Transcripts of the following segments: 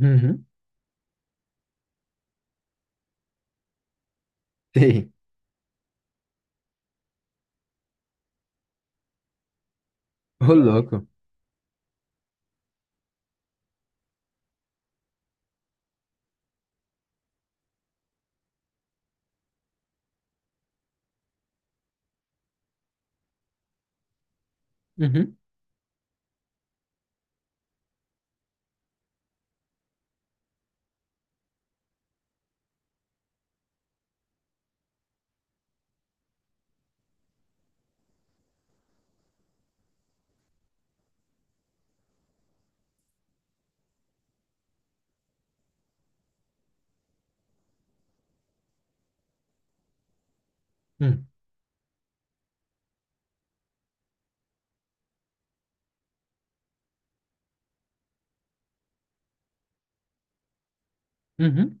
Uhum. Sei. Ô, louco. Uhum, uhum, uhum,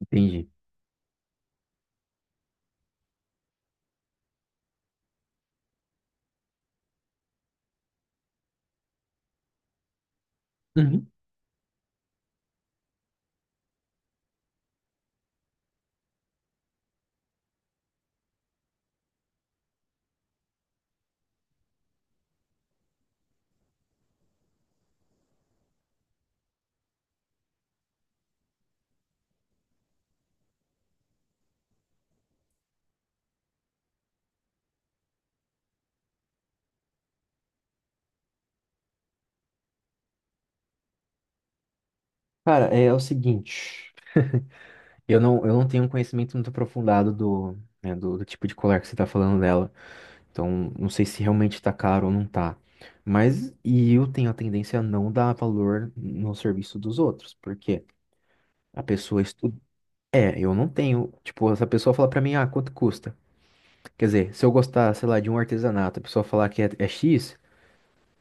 entendi. Uhum. Cara, é o seguinte. Eu não tenho um conhecimento muito aprofundado do, né, do tipo de colar que você tá falando dela. Então, não sei se realmente tá caro ou não tá. Mas, e eu tenho a tendência a não dar valor no serviço dos outros. Porque a pessoa estuda. É, eu não tenho. Tipo, essa pessoa fala pra mim, ah, quanto custa? Quer dizer, se eu gostar, sei lá, de um artesanato, a pessoa falar que é X.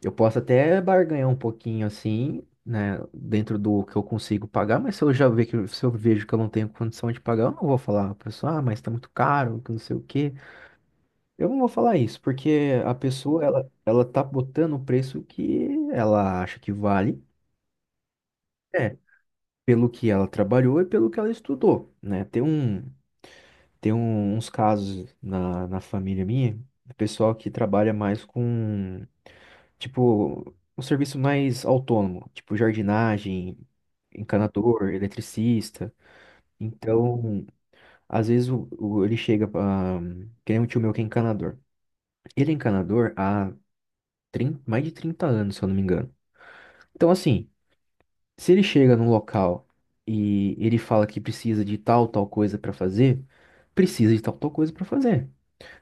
Eu posso até barganhar um pouquinho assim, né, dentro do que eu consigo pagar, mas se eu já ver que se eu vejo que eu não tenho condição de pagar, eu não vou falar, a pessoa, ah, mas tá muito caro, que não sei o quê. Eu não vou falar isso, porque a pessoa ela tá botando o preço que ela acha que vale. É, pelo que ela trabalhou e pelo que ela estudou, né? Uns casos na família minha, do pessoal que trabalha mais com, tipo, um serviço mais autônomo, tipo jardinagem, encanador, eletricista. Então, às vezes ele chega pra. Que nem um tio meu que é encanador. Ele é encanador há 30 mais de 30 anos, se eu não me engano. Então, assim, se ele chega num local e ele fala que precisa de tal, tal coisa para fazer, precisa de tal, tal coisa para fazer,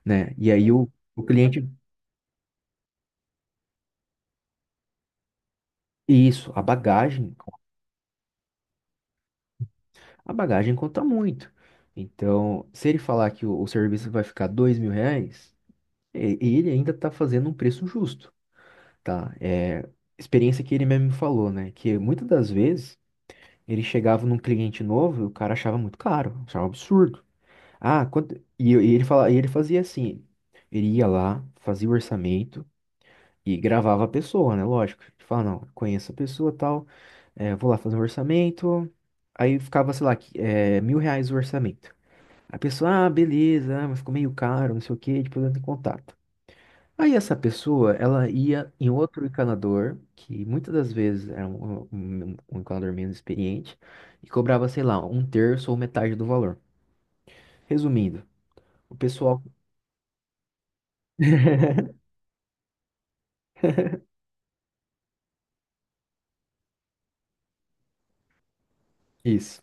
né? E aí o cliente. Isso, a bagagem conta muito. Então, se ele falar que o serviço vai ficar R$ 2.000, ele ainda tá fazendo um preço justo, tá? É experiência que ele mesmo me falou, né? Que muitas das vezes ele chegava num cliente novo e o cara achava muito caro, achava um absurdo. Ah, e ele fazia assim, ele ia lá, fazia o orçamento e gravava a pessoa, né? Lógico. Ele fala, não, conheço a pessoa tal, é, vou lá fazer um orçamento. Aí ficava, sei lá, é, R$ 1.000 o orçamento. A pessoa, ah, beleza, ah, mas ficou meio caro, não sei o quê, depois entra em contato. Aí essa pessoa, ela ia em outro encanador, que muitas das vezes era um encanador menos experiente, e cobrava, sei lá, um terço ou metade do valor. Resumindo, o pessoal. Isso.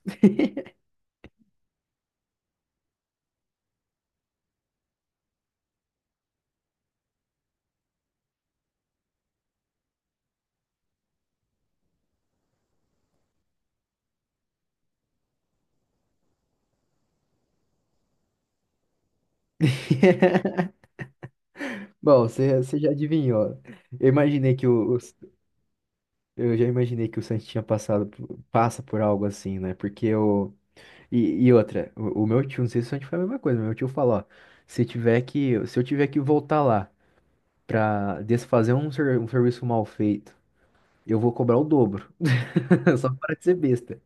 Bom, você já adivinhou. Eu imaginei que o, o- eu já imaginei que o Santos tinha passa por algo assim, né? Porque eu e, e outra, o meu tio, não sei se o Santos foi a mesma coisa, mas meu tio falou, ó, se eu tiver que voltar lá pra desfazer um serviço mal feito, eu vou cobrar o dobro. Só para de ser besta.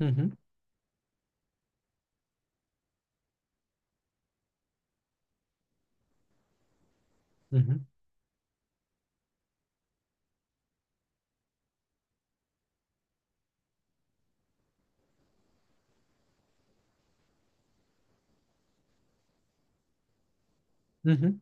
Uhum, uhum, uhum,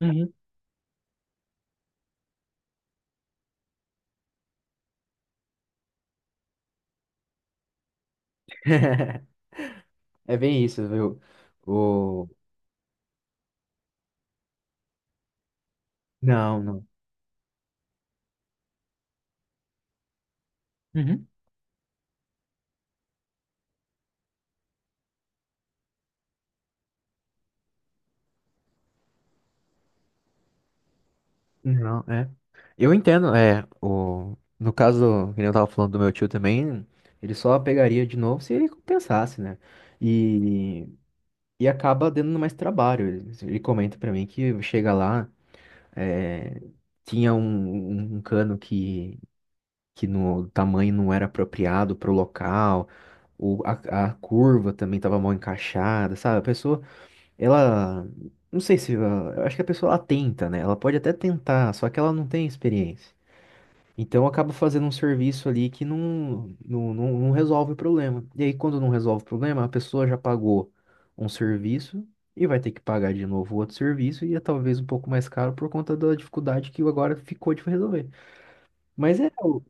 uhum. É bem isso, viu? O... Não, não. Não, é. Eu entendo, é. No caso, que nem eu tava falando do meu tio também, ele só pegaria de novo se ele compensasse, né? E, e acaba dando mais trabalho. Ele comenta pra mim que chega lá, é, tinha um cano que no tamanho não era apropriado pro local, o, a, a curva também tava mal encaixada, sabe? A pessoa, ela... Não sei se... eu acho que a pessoa, ela tenta, né? Ela pode até tentar, só que ela não tem experiência. Então acaba fazendo um serviço ali que não resolve o problema. E aí, quando não resolve o problema, a pessoa já pagou um serviço e vai ter que pagar de novo outro serviço e é talvez um pouco mais caro por conta da dificuldade que agora ficou de resolver. Mas é.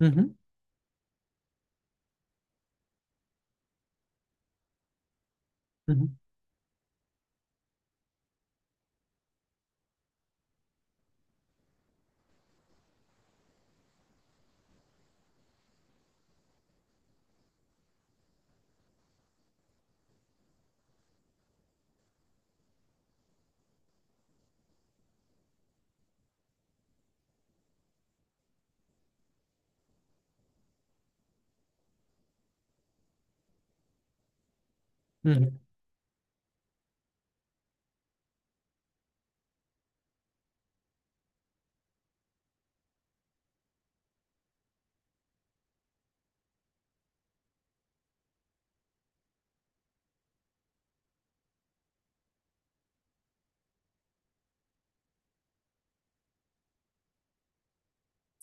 Uhum, uhum, uhum.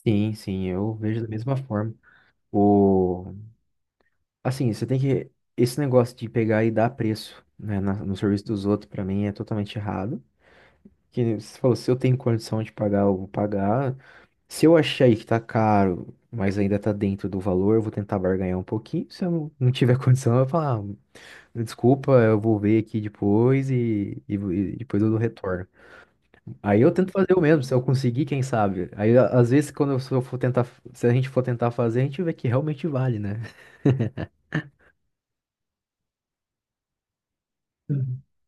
Sim, sim, eu vejo da mesma forma. O... Assim, você tem que. Esse negócio de pegar e dar preço, né, no serviço dos outros, pra mim, é totalmente errado. Que você falou, se eu tenho condição de pagar, eu vou pagar. Se eu achar aí que tá caro, mas ainda tá dentro do valor, eu vou tentar barganhar um pouquinho. Se eu não tiver condição, eu vou falar, "Ah, desculpa, eu vou ver aqui depois e depois eu dou retorno." Aí eu tento fazer o mesmo, se eu conseguir, quem sabe. Às vezes quando eu se eu for tentar, se a gente for tentar fazer, a gente vê que realmente vale, né?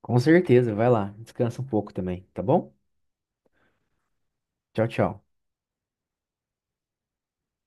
Com certeza, vai lá, descansa um pouco também, tá bom? Tchau, tchau.